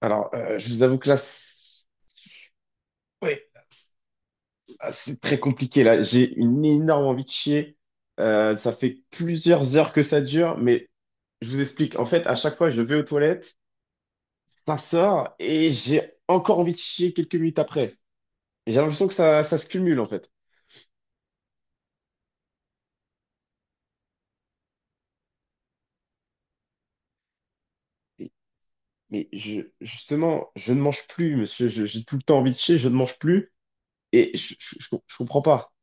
Alors, je vous avoue que là, c'est ouais, là, c'est très compliqué. Là, j'ai une énorme envie de chier. Ça fait plusieurs heures que ça dure, mais je vous explique. En fait, à chaque fois, je vais aux toilettes, ça sort et j'ai encore envie de chier quelques minutes après. Et j'ai l'impression que ça se cumule, en fait. Et- Mais je, justement, je ne mange plus, monsieur. J'ai tout le temps envie de chier, je ne mange plus et je comprends pas.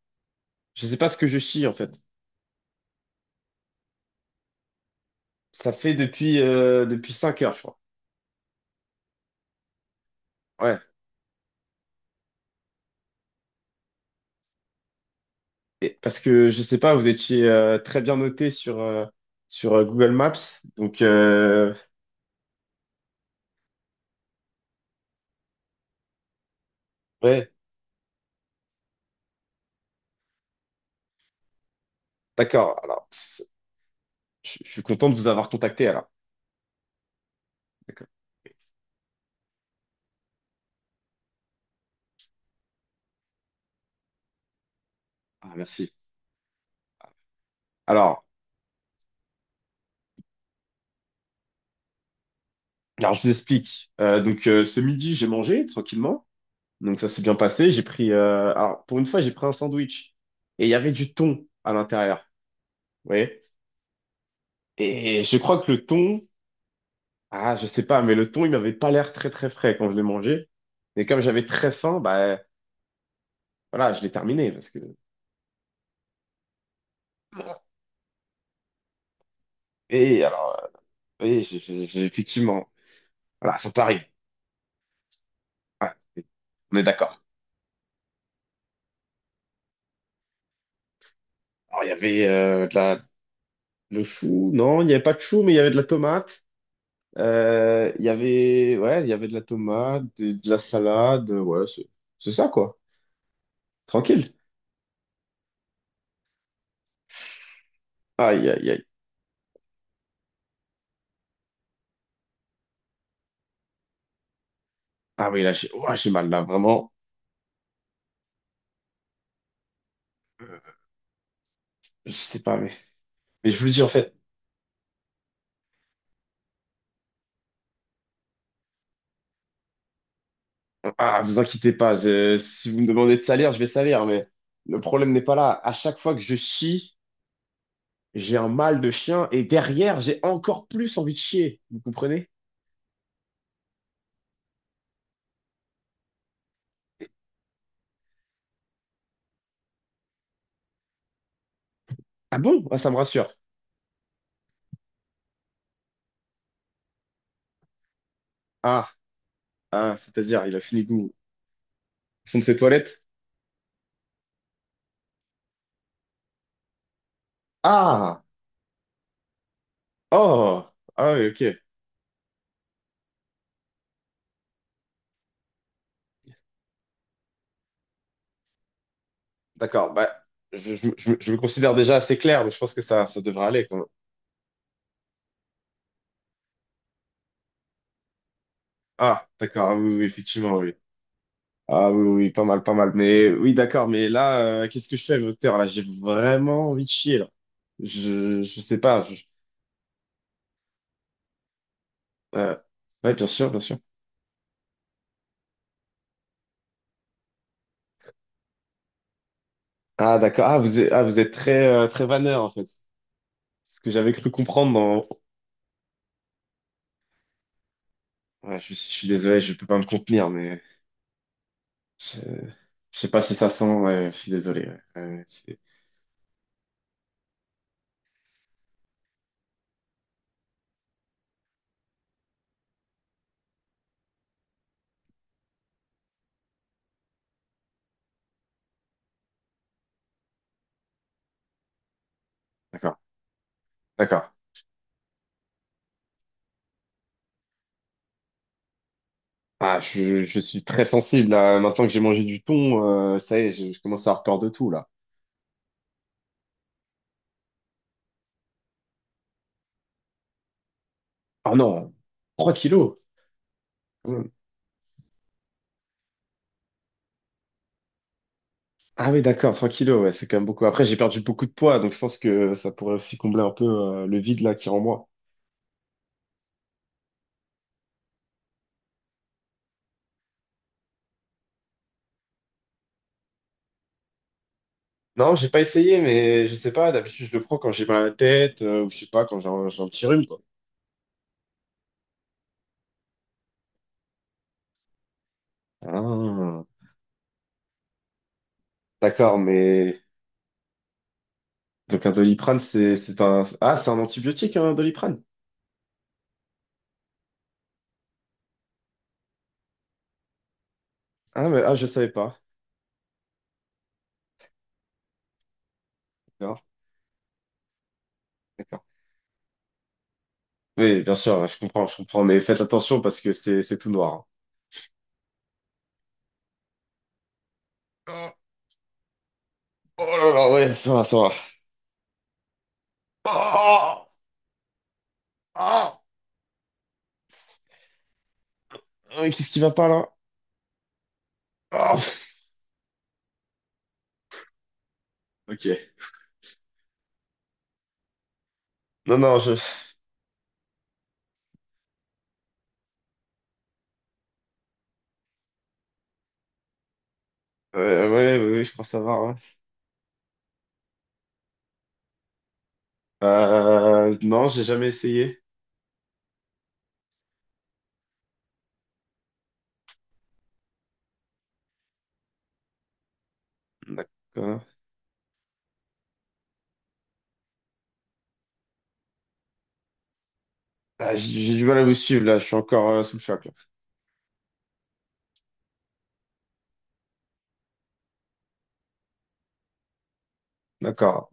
Je ne sais pas ce que je chie, en fait. Ça fait depuis 5 heures, je crois. Ouais. Parce que je sais pas, vous étiez très bien noté sur Google Maps. Donc, ouais, d'accord. Alors, je suis content de vous avoir contacté alors. D'accord. Ah, merci. Alors, alors, je vous explique. Donc, ce midi, j'ai mangé tranquillement. Donc, ça s'est bien passé. J'ai pris, alors, pour une fois, j'ai pris un sandwich. Et il y avait du thon à l'intérieur. Vous voyez? Et je crois que le thon, ah, je sais pas, mais le thon, il m'avait pas l'air très, très frais quand je l'ai mangé. Et comme j'avais très faim, bah, voilà, je l'ai terminé parce que Et alors, oui, effectivement, voilà, ça t'arrive. Ouais, on est d'accord. Alors, il y avait le chou, non, il n'y avait pas de chou, mais il y avait de la tomate. Il y avait, ouais, il y avait de la tomate, de la salade, ouais, c'est ça, quoi. Tranquille. Aïe, aïe, aïe. Ah oui, là, j'ai ouah, j'ai mal, là, vraiment, je sais pas, mais je vous le dis, en fait, ah, vous inquiétez pas, si vous me demandez de salir, je vais salir, mais le problème n'est pas là. À chaque fois que je chie, j'ai un mal de chien et derrière, j'ai encore plus envie de chier. Vous comprenez? Ah bon? Ah, ça me rassure. Ah, ah, c'est-à-dire, il a fini goût au fond de ses toilettes? Ah, oh, ah oui, ok. D'accord, bah, je me considère déjà assez clair, donc je pense que ça devrait aller quand même. Ah, d'accord, ah oui, oui, oui, effectivement, oui. Ah oui, oui, oui, pas mal, pas mal. Mais oui, d'accord, mais là, qu'est-ce que je fais, docteur? Là, j'ai vraiment envie de chier, là. Je sais pas. Euh, ouais, bien sûr, bien sûr. Ah, d'accord. Ah, vous êtes très vanneur, en fait. Ce que j'avais cru comprendre dans... Ouais, je suis désolé, je peux pas me contenir, mais je, je sais pas si ça sent, ouais, je suis désolé. Ouais. Ouais, ouais, D'accord, d'accord. Ah, je suis très sensible, là. Maintenant que j'ai mangé du thon, ça y est, je commence à avoir peur de tout, là. Oh non, 3 kilos. Mm. Ah oui, d'accord, 3 kilos, ouais, c'est quand même beaucoup. Après, j'ai perdu beaucoup de poids, donc je pense que ça pourrait aussi combler un peu, le vide, là, qui est en moi. Non, j'ai pas essayé, mais je sais pas, d'habitude je le prends quand j'ai mal à la tête, ou je sais pas, quand j'ai un petit rhume, quoi. Ah, d'accord, mais... Donc un Doliprane, c'est un... Ah, c'est un antibiotique, un Doliprane? Ah, mais, ah, je savais pas. D'accord, d'accord. Oui, bien sûr, je comprends, mais faites attention parce que c'est tout noir. Hein. Oh, oh là là, ouais, ça va, ça va. Oh, oh, mais qu'est-ce qui va pas là? Oh, ok. Non, non, je... Ouais, ouais, ouais, ouais, je crois savoir. Ouais. Non, j'ai jamais essayé. D'accord. Ah, j'ai du mal à vous suivre là, je suis encore sous le choc. Là. D'accord.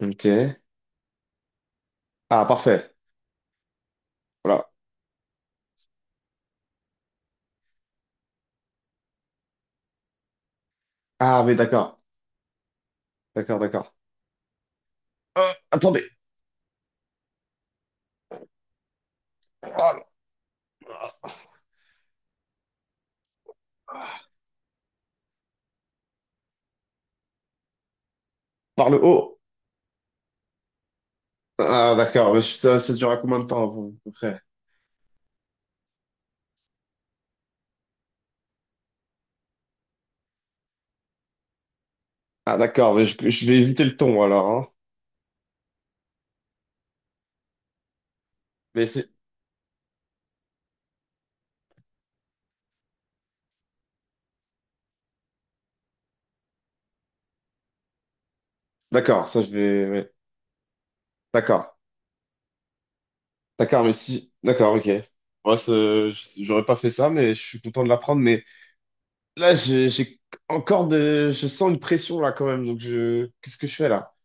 Ok. Ah, parfait. Voilà. Ah, mais d'accord. D'accord, d'accord. Ah, attendez. Ah, par le haut. Ah, d'accord. Ça, ça dure à combien de temps à peu près? Ah, d'accord. Mais je vais éviter le ton alors. Hein. Mais c'est. D'accord, ça je vais. Ouais. D'accord. D'accord, mais si. D'accord, ok. Moi, j'aurais pas fait ça, mais je suis content de l'apprendre. Mais là, j'ai encore de. Je sens une pression là quand même. Donc, je. Qu'est-ce que je fais là?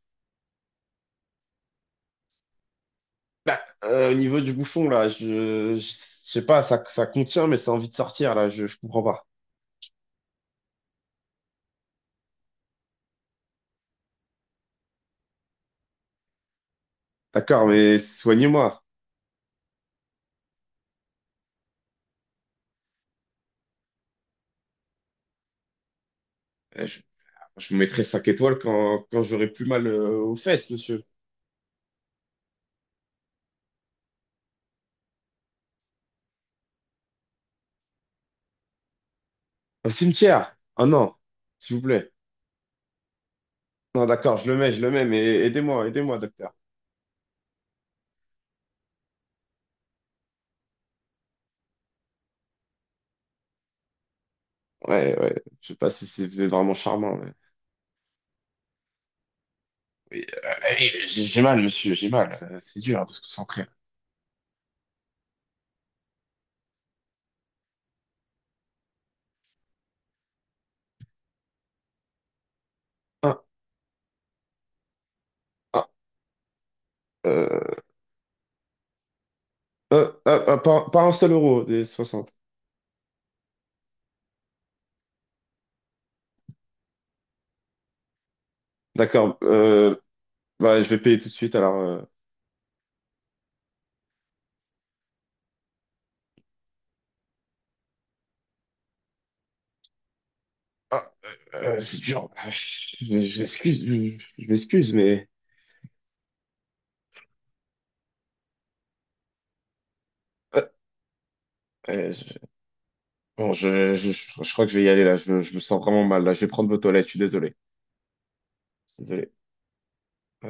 Bah, au niveau du bouffon, là, je sais pas, ça contient, mais ça a envie de sortir, là, je comprends pas. D'accord, mais soignez-moi. Euh, Je, je vous mettrai 5 étoiles quand j'aurai plus mal aux fesses, monsieur. Au cimetière! Oh non, s'il vous plaît. Non, d'accord, je le mets, mais aidez-moi, aidez-moi, docteur. Ouais, ouais, je sais pas si vous êtes vraiment charmant, mais... Oui, allez, j'ai mal, monsieur, j'ai mal. C'est dur hein, de se concentrer. Ah, ah, euh, ah, ah, ah, pas un seul euro des 60. D'accord, bah, je vais payer tout de suite, alors... Ah, c'est dur. Ah, Je m'excuse, je m'excuse, mais... euh, euh, je- Bon, je crois que je vais y aller, là. Je me sens vraiment mal, là. Je vais prendre vos toilettes, je suis désolé. Désolé.